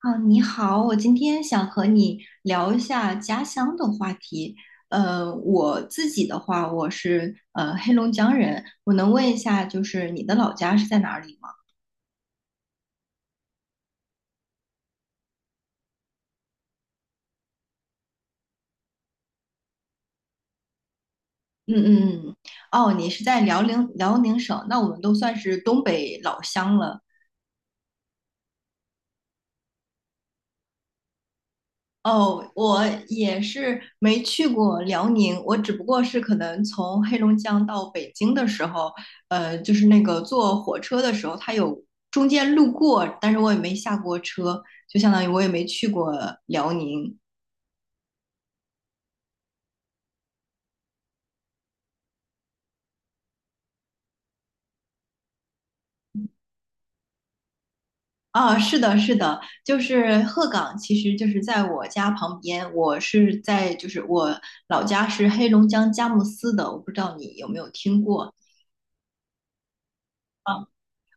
啊，你好，我今天想和你聊一下家乡的话题。我自己的话，我是黑龙江人，我能问一下，就是你的老家是在哪里吗？嗯嗯嗯，哦，你是在辽宁省那我们都算是东北老乡了。哦，我也是没去过辽宁，我只不过是可能从黑龙江到北京的时候，就是那个坐火车的时候，它有中间路过，但是我也没下过车，就相当于我也没去过辽宁。啊，是的，是的，就是鹤岗，其实就是在我家旁边，我是在就是我老家是黑龙江佳木斯的，我不知道你有没有听过。啊。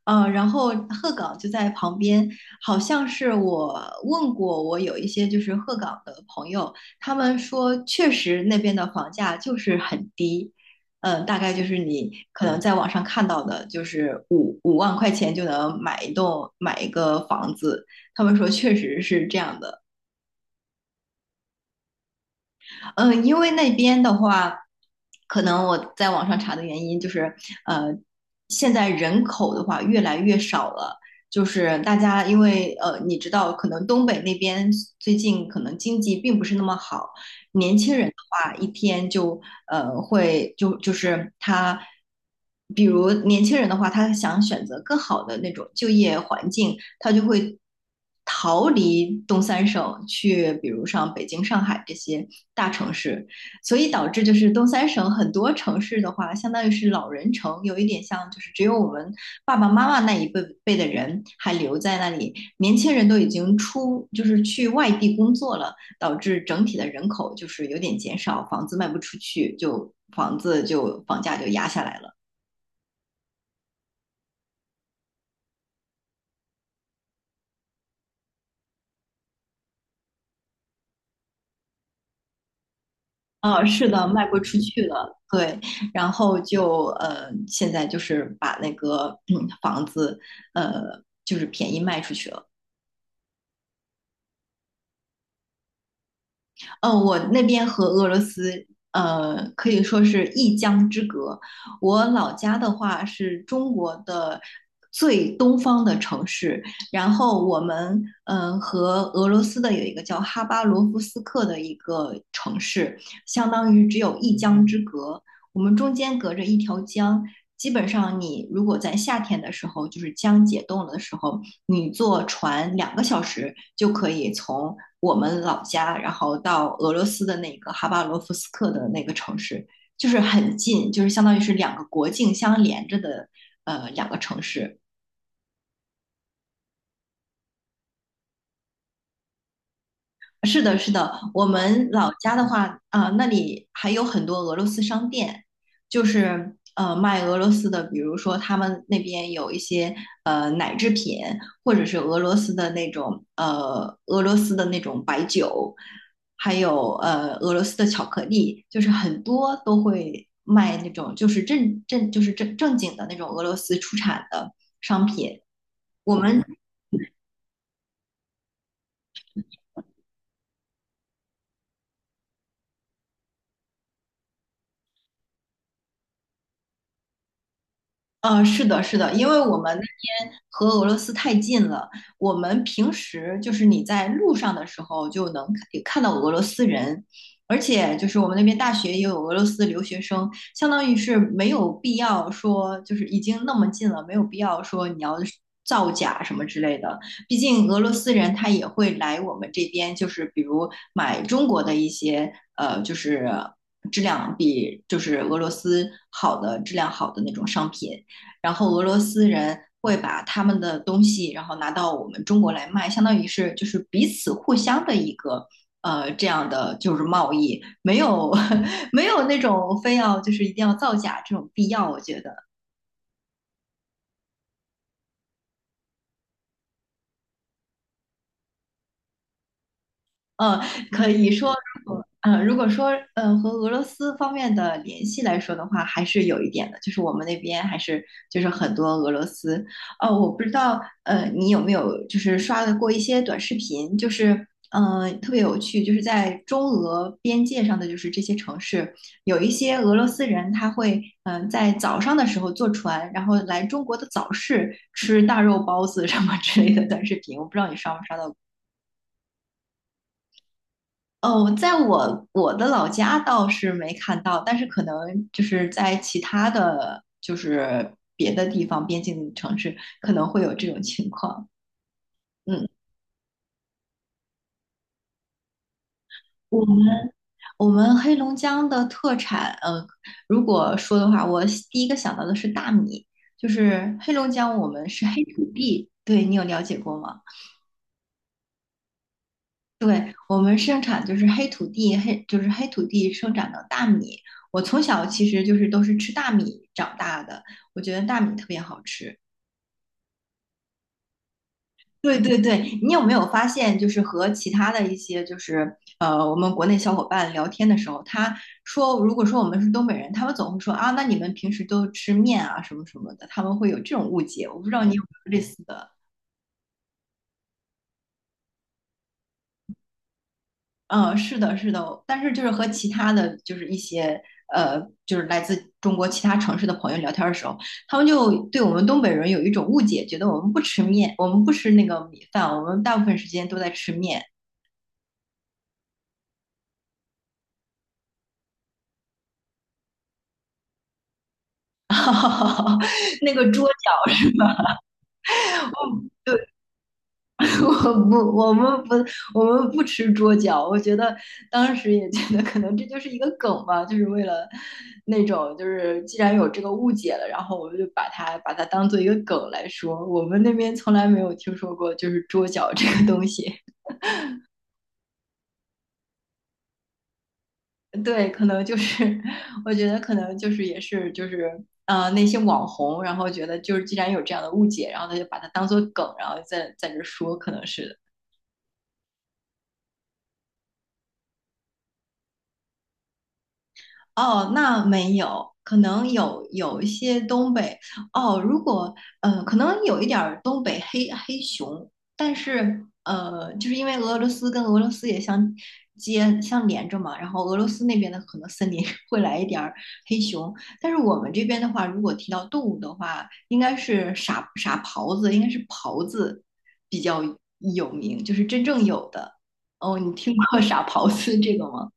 然后鹤岗就在旁边，好像是我问过我有一些就是鹤岗的朋友，他们说确实那边的房价就是很低，嗯、大概就是你可能在网上看到的，就是五万块钱就能买一个房子，他们说确实是这样的。嗯，因为那边的话，可能我在网上查的原因就是，呃，现在人口的话越来越少了，就是大家因为你知道，可能东北那边最近可能经济并不是那么好，年轻人的话一天就呃，会就就是他，比如年轻人的话，他想选择更好的那种就业环境，他就会逃离东三省，去比如像北京、上海这些大城市，所以导致就是东三省很多城市的话，相当于是老人城，有一点像就是只有我们爸爸妈妈那一辈的人还留在那里，年轻人都已经出就是去外地工作了。导致整体的人口就是有点减少，房子卖不出去，就房子就房价就压下来了。啊，是的，卖不出去了，对，然后就现在就是把那个房子呃就是便宜卖出去了。我那边和俄罗斯可以说是一江之隔。我老家的话是中国的最东方的城市，然后我们嗯、和俄罗斯的有一个叫哈巴罗夫斯克的一个城市，相当于只有一江之隔。我们中间隔着一条江，基本上你如果在夏天的时候，就是江解冻了的时候，你坐船两个小时就可以从我们老家，然后到俄罗斯的那个哈巴罗夫斯克的那个城市，就是很近，就是相当于是两个国境相连着的两个城市。是的，是的，我们老家的话，啊、那里还有很多俄罗斯商店，就是卖俄罗斯的，比如说他们那边有一些奶制品，或者是俄罗斯的那种白酒，还有俄罗斯的巧克力，就是很多都会卖那种就是正正经的那种俄罗斯出产的商品。我们是的，是的，因为我们那边和俄罗斯太近了，我们平时就是你在路上的时候就能看到俄罗斯人，而且就是我们那边大学也有俄罗斯留学生，相当于是没有必要说就是已经那么近了，没有必要说你要是造假什么之类的，毕竟俄罗斯人他也会来我们这边，就是比如买中国的一些就是比俄罗斯质量好的那种商品。然后俄罗斯人会把他们的东西，然后拿到我们中国来卖，相当于是就是彼此互相的一个这样的就是贸易，没有 没有那种非要就是一定要造假这种必要，我觉得。呃，可以说，如果说和俄罗斯方面的联系来说的话，还是有一点的，就是我们那边还是就是很多俄罗斯。我不知道你有没有就是刷的过一些短视频，就是特别有趣，就是在中俄边界上的就是这些城市，有一些俄罗斯人他会嗯、在早上的时候坐船，然后来中国的早市吃大肉包子什么之类的短视频，我不知道你刷没刷到。哦，在我的老家倒是没看到，但是可能就是在其他的就是别的地方边境城市可能会有这种情况。嗯，我们我们黑龙江的特产，如果说的话，我第一个想到的是大米，就是黑龙江我们是黑土地，对你有了解过吗？对，我们生产就是黑土地，黑就是黑土地生长的大米。我从小其实就是都是吃大米长大的，我觉得大米特别好吃。对对对，你有没有发现，就是和其他的一些我们国内小伙伴聊天的时候，他说，如果说我们是东北人，他们总会说啊，那你们平时都吃面啊什么什么的，他们会有这种误解。我不知道你有没有类似的。嗯，是的，是的，但是就是和其他的就是一些就是来自中国其他城市的朋友聊天的时候，他们就对我们东北人有一种误解，觉得我们不吃面，我们不吃那个米饭，我们大部分时间都在吃面，那个桌角是。我不，我们不，我们不吃桌脚。我觉得当时也觉得，可能这就是一个梗吧，就是为了那种，就是既然有这个误解了，然后我们就把它当做一个梗来说。我们那边从来没有听说过就是桌脚这个东西。对，可能就是，我觉得可能就是也是就是，那些网红，然后觉得就是既然有这样的误解，然后他就把它当做梗，然后在这说，可能是。哦，那没有，可能有有一些东北。哦，如果可能有一点儿东北黑熊，但是就是因为俄罗斯也相连着嘛，然后俄罗斯那边的可能森林 会来一点儿黑熊，但是我们这边的话，如果提到动物的话，应该是傻狍子，应该是狍子比较有名，就是真正有的。哦，你听过 傻狍子这个吗？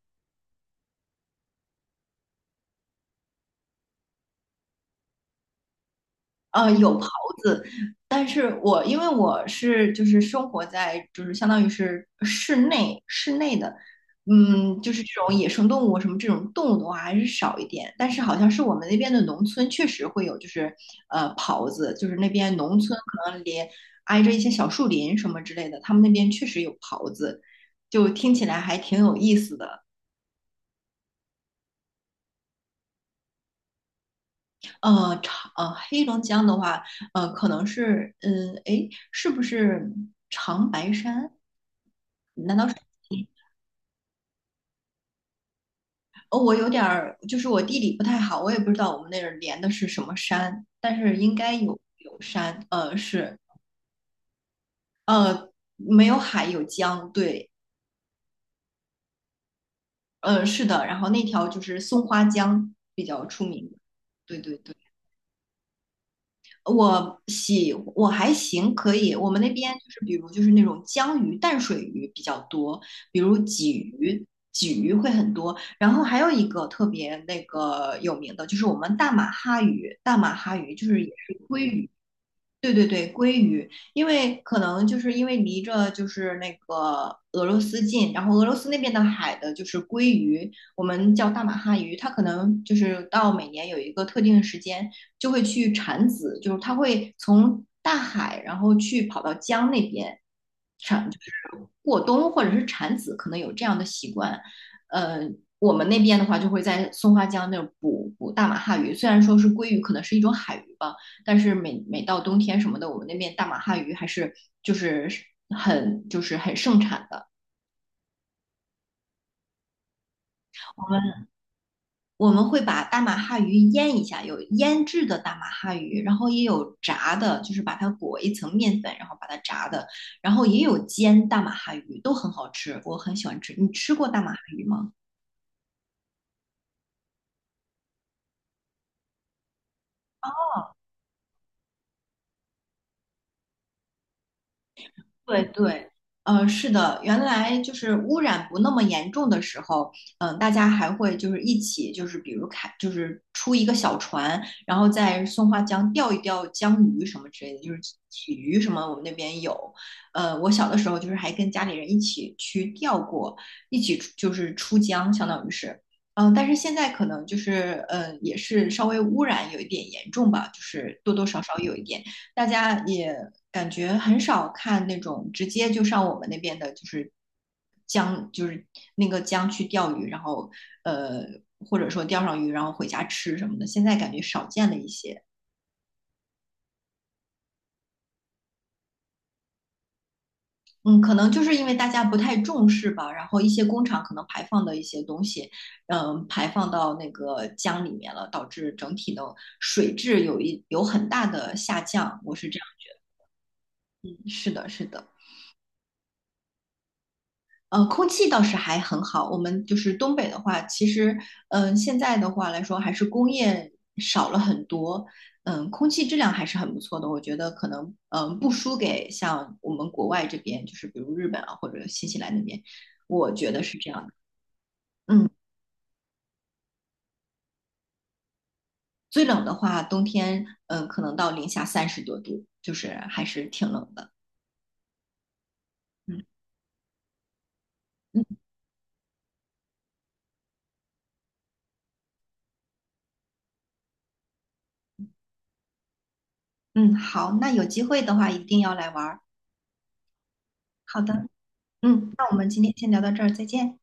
有狍子，但是我因为我是就是生活在就是相当于是室内的，嗯，就是这种野生动物什么这种动物的话还是少一点，但是好像是我们那边的农村确实会有就是狍子，就是那边农村可能连挨着一些小树林什么之类的，他们那边确实有狍子，就听起来还挺有意思的。黑龙江的话，可能是，嗯，诶，是不是长白山？难道是？哦，我有点儿，就是我地理不太好，我也不知道我们那儿连的是什么山，但是应该有山，是，呃，没有海，有江，对，是的，然后那条就是松花江比较出名，对对对。我还行，可以。我们那边就是比如就是那种江鱼、淡水鱼比较多，比如鲫鱼，鲫鱼会很多。然后还有一个特别那个有名的，就是我们大马哈鱼，大马哈鱼就是也对对对，鲑鱼，因为可能就是因为离着就是那个俄罗斯近，然后俄罗斯那边的海的就是鲑鱼，我们叫大马哈鱼，它可能就是到每年有一个特定的时间就会去产子，就是它会从大海然后去跑到江那边，过冬或者是产子可能有这样的习惯，呃，我们那边的话就会在松花江那儿捕大马哈鱼，虽然说是鲑鱼，可能是一种海鱼吧，但是每每到冬天什么的，我们那边大马哈鱼还是就是很盛产的。我们我们会把大马哈鱼腌一下，有腌制的大马哈鱼，然后也有炸的，就是把它裹一层面粉，然后把它炸的，然后也有煎大马哈鱼，都很好吃，我很喜欢吃。你吃过大马哈鱼吗？对对，是的，原来就是污染不那么严重的时候，大家还会就是一起，就是比如开，就是出一个小船，然后在松花江钓一钓江鱼什么之类的，就是鲫鱼什么，我们那边有。我小的时候就是还跟家里人一起去钓过，一起出就是出江，相当于是。但是现在可能就是，也是稍微污染有一点严重吧，就是多多少少有一点。大家也感觉很少看那种直接就上我们那边的，就是江，就是那个江去钓鱼，然后呃，或者说钓上鱼，然后回家吃什么的，现在感觉少见了一些。嗯，可能就是因为大家不太重视吧，然后一些工厂可能排放的一些东西，嗯，排放到那个江里面了，导致整体的水质有很大的下降。我是这样觉得，是的，是的。空气倒是还很好。我们就是东北的话，其实，现在的话来说，还是工业少了很多，空气质量还是很不错的。我觉得可能，不输给像我们国外这边，就是比如日本啊或者新西兰那边，我觉得是这样的。嗯，最冷的话，冬天，可能到零下30多度，就是还是挺冷的。嗯嗯嗯，好，那有机会的话一定要来玩儿。好的，嗯，那我们今天先聊到这儿，再见。